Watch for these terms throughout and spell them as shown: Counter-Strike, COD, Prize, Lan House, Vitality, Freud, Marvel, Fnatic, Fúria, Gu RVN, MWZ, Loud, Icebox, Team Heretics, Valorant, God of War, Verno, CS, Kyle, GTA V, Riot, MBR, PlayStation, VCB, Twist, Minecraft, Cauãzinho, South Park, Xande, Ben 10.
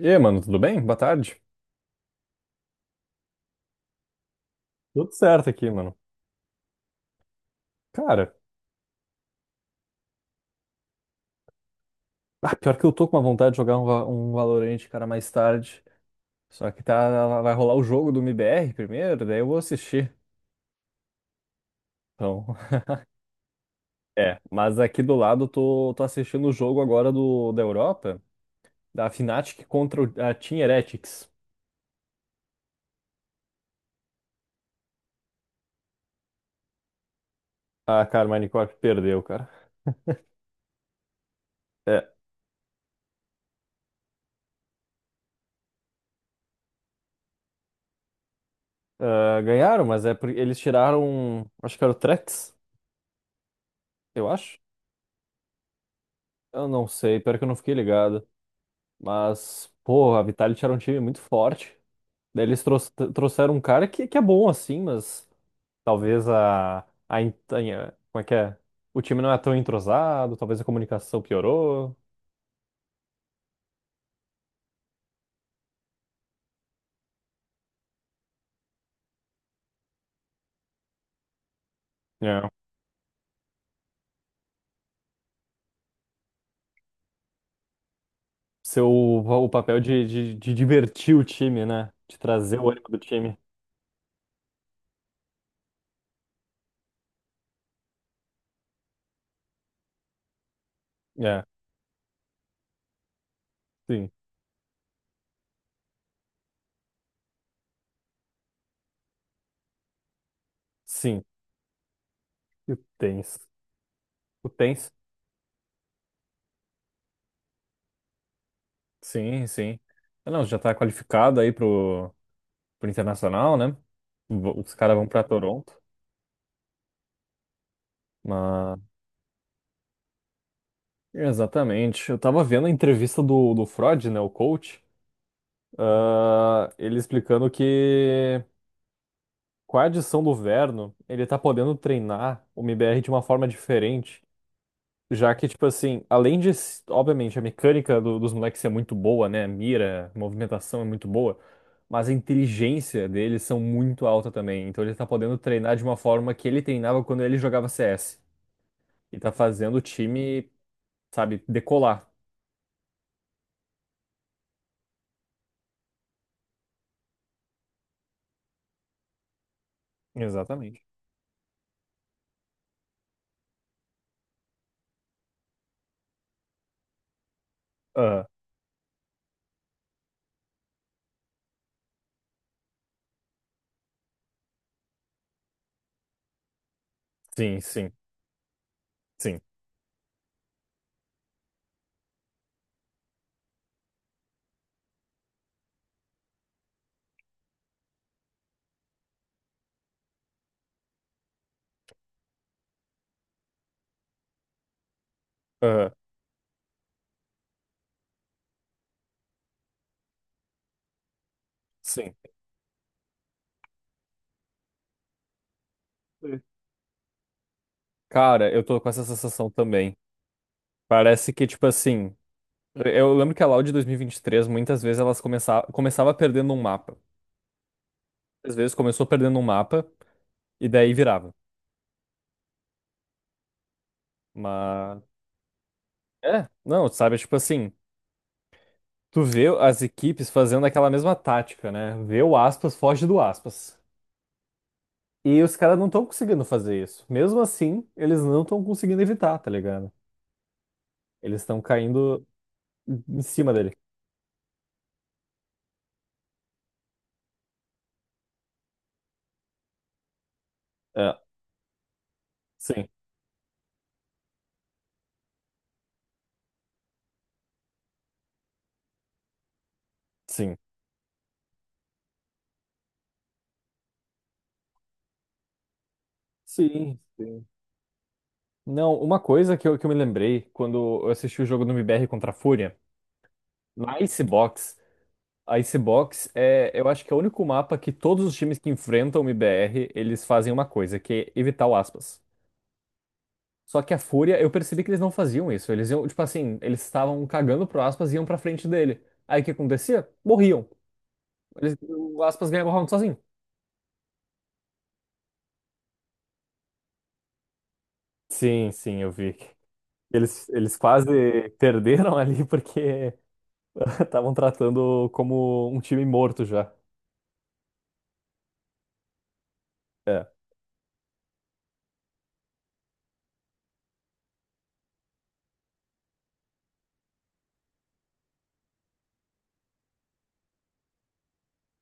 E aí, mano, tudo bem? Boa tarde. Tudo certo aqui, mano. Cara, pior que eu tô com uma vontade de jogar um, um Valorant, cara, mais tarde. Só que tá, vai rolar o jogo do MBR primeiro, daí eu vou assistir. Então, é, mas aqui do lado eu tô, tô assistindo o jogo agora do, da Europa, da Fnatic contra a Team Heretics. Ah, cara, o Minecraft perdeu, cara. É, ah, ganharam, mas é porque eles tiraram, acho que era o Trex, eu acho. Eu não sei, pior que eu não fiquei ligado. Mas, pô, a Vitality era um time muito forte. Daí eles trouxeram um cara que é bom assim, mas talvez a, como é que é? O time não é tão entrosado, talvez a comunicação piorou. É. Seu o papel de, de divertir o time, né? De trazer o ânimo do time. É, sim, sim. E o Tens. O Tens? Sim, sim. Ah, não, já tá qualificado aí pro, pro Internacional, né? Os caras vão pra Toronto. Mas exatamente. Eu tava vendo a entrevista do, do Freud, né, o coach, ele explicando que com a adição do Verno, ele tá podendo treinar o MBR de uma forma diferente, já que, tipo assim, além de, obviamente, a mecânica dos moleques é muito boa, né, a mira, a movimentação é muito boa, mas a inteligência deles são muito alta também, então ele tá podendo treinar de uma forma que ele treinava quando ele jogava CS, e tá fazendo o time, sabe, decolar. Exatamente. Sim, sim, sim. Aham, sim. Cara, eu tô com essa sensação também. Parece que, tipo assim, eu lembro que a Loud de dois mil e vinte e três muitas vezes elas começava, começava perdendo um mapa. Às vezes começou perdendo um mapa e daí virava. Mas, é, não, sabe? Tipo assim, tu vê as equipes fazendo aquela mesma tática, né? Vê o aspas, foge do aspas. E os caras não estão conseguindo fazer isso. Mesmo assim, eles não estão conseguindo evitar, tá ligado? Eles estão caindo em cima dele. É, sim. Sim. Sim, sim. Não, uma coisa que eu me lembrei quando eu assisti o jogo do MBR contra a Fúria, na Icebox, a Icebox é, eu acho que é o único mapa que todos os times que enfrentam o MBR, eles fazem uma coisa, que é evitar o aspas. Só que a Fúria, eu percebi que eles não faziam isso. Eles iam, tipo assim, eles estavam cagando pro aspas e iam pra frente dele. Aí o que acontecia? Morriam. Eles, o aspas ganhava o round sozinho. Sim, sim, eu vi. Eles quase perderam ali porque estavam tratando como um time morto já. É.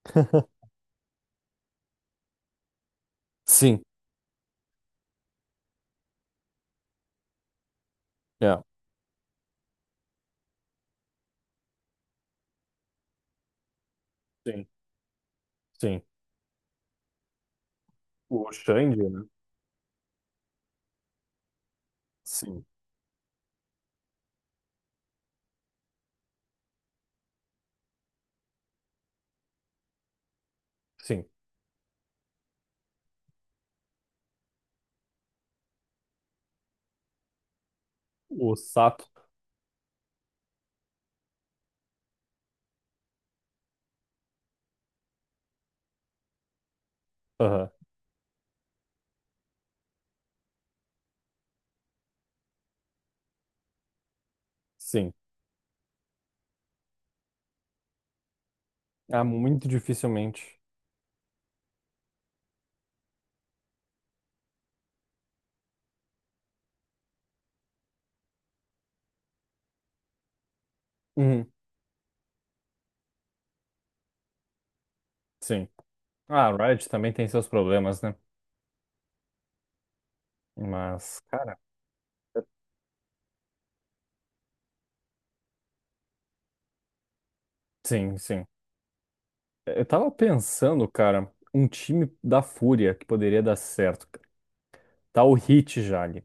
Sim. É. Sim. Sim. O Xande, né? Sim. Sim. O Sato. Aham. Sim. Ah, muito dificilmente. Uhum. Sim. Ah, a Riot também tem seus problemas, né? Mas, cara, sim, sim. Eu tava pensando, cara, um time da Fúria que poderia dar certo, cara. Tá o Hit já ali.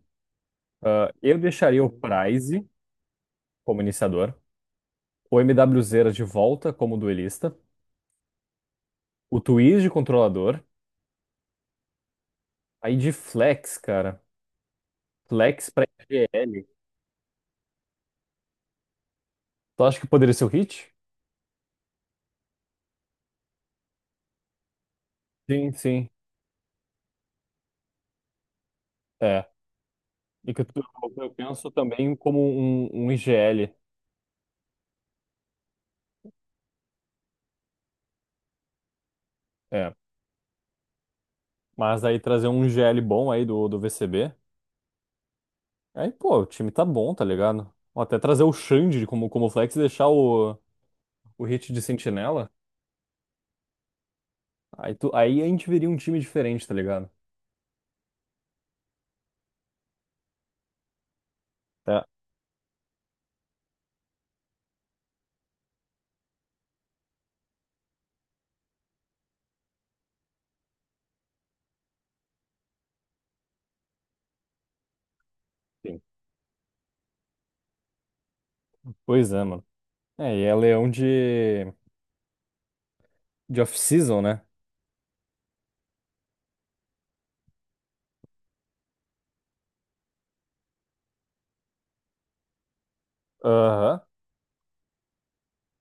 Ah, eu deixaria o Prize como iniciador, o MWZ de volta como duelista, o Twist de controlador. Aí de Flex, cara. Flex pra IGL. Tu acha que poderia ser o Hit? Sim, sim. É. E que tu- eu penso também como um IGL. É. Mas aí trazer um IGL bom aí do, do VCB. Aí, pô, o time tá bom, tá ligado? Ou até trazer o Xande como, como Flex e deixar o Hit de Sentinela. Aí, tu, aí a gente veria um time diferente, tá ligado? Tá. Sim. Pois é, mano. É, e é leão de off-season, né? Aham.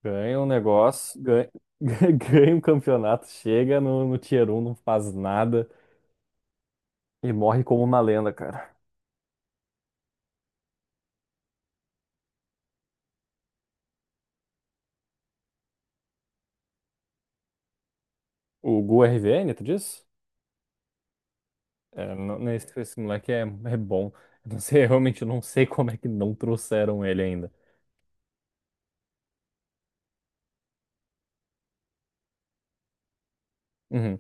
Ganha um negócio, ganha, ganha um campeonato, chega no, no Tier 1 não faz nada e morre como uma lenda, cara. O Gu RVN, tu disse? É, não, não, esse moleque é, é bom. Eu não sei, eu realmente não sei como é que não trouxeram ele ainda. Uhum,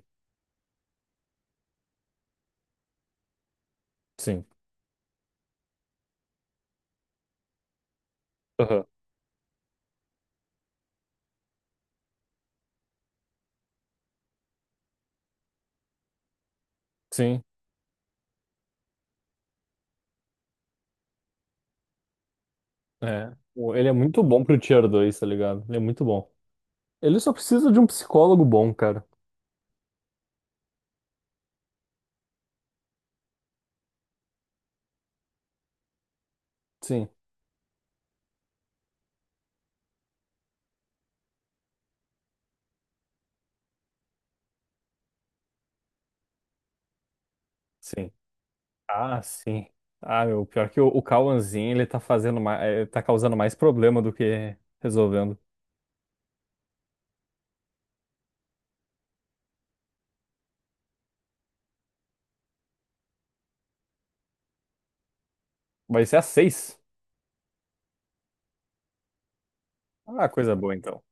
sim. Aham. Sim, é. Ele é muito bom pro Tier 2, tá ligado? Ele é muito bom. Ele só precisa de um psicólogo bom, cara. Sim. Sim. Ah, sim. Ah, meu, pior que o Cauãzinho, ele tá fazendo mais, tá causando mais problema do que resolvendo. Vai ser às 6. Ah, coisa boa então.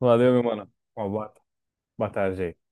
Valeu, meu mano. Uma boa, boa tarde aí.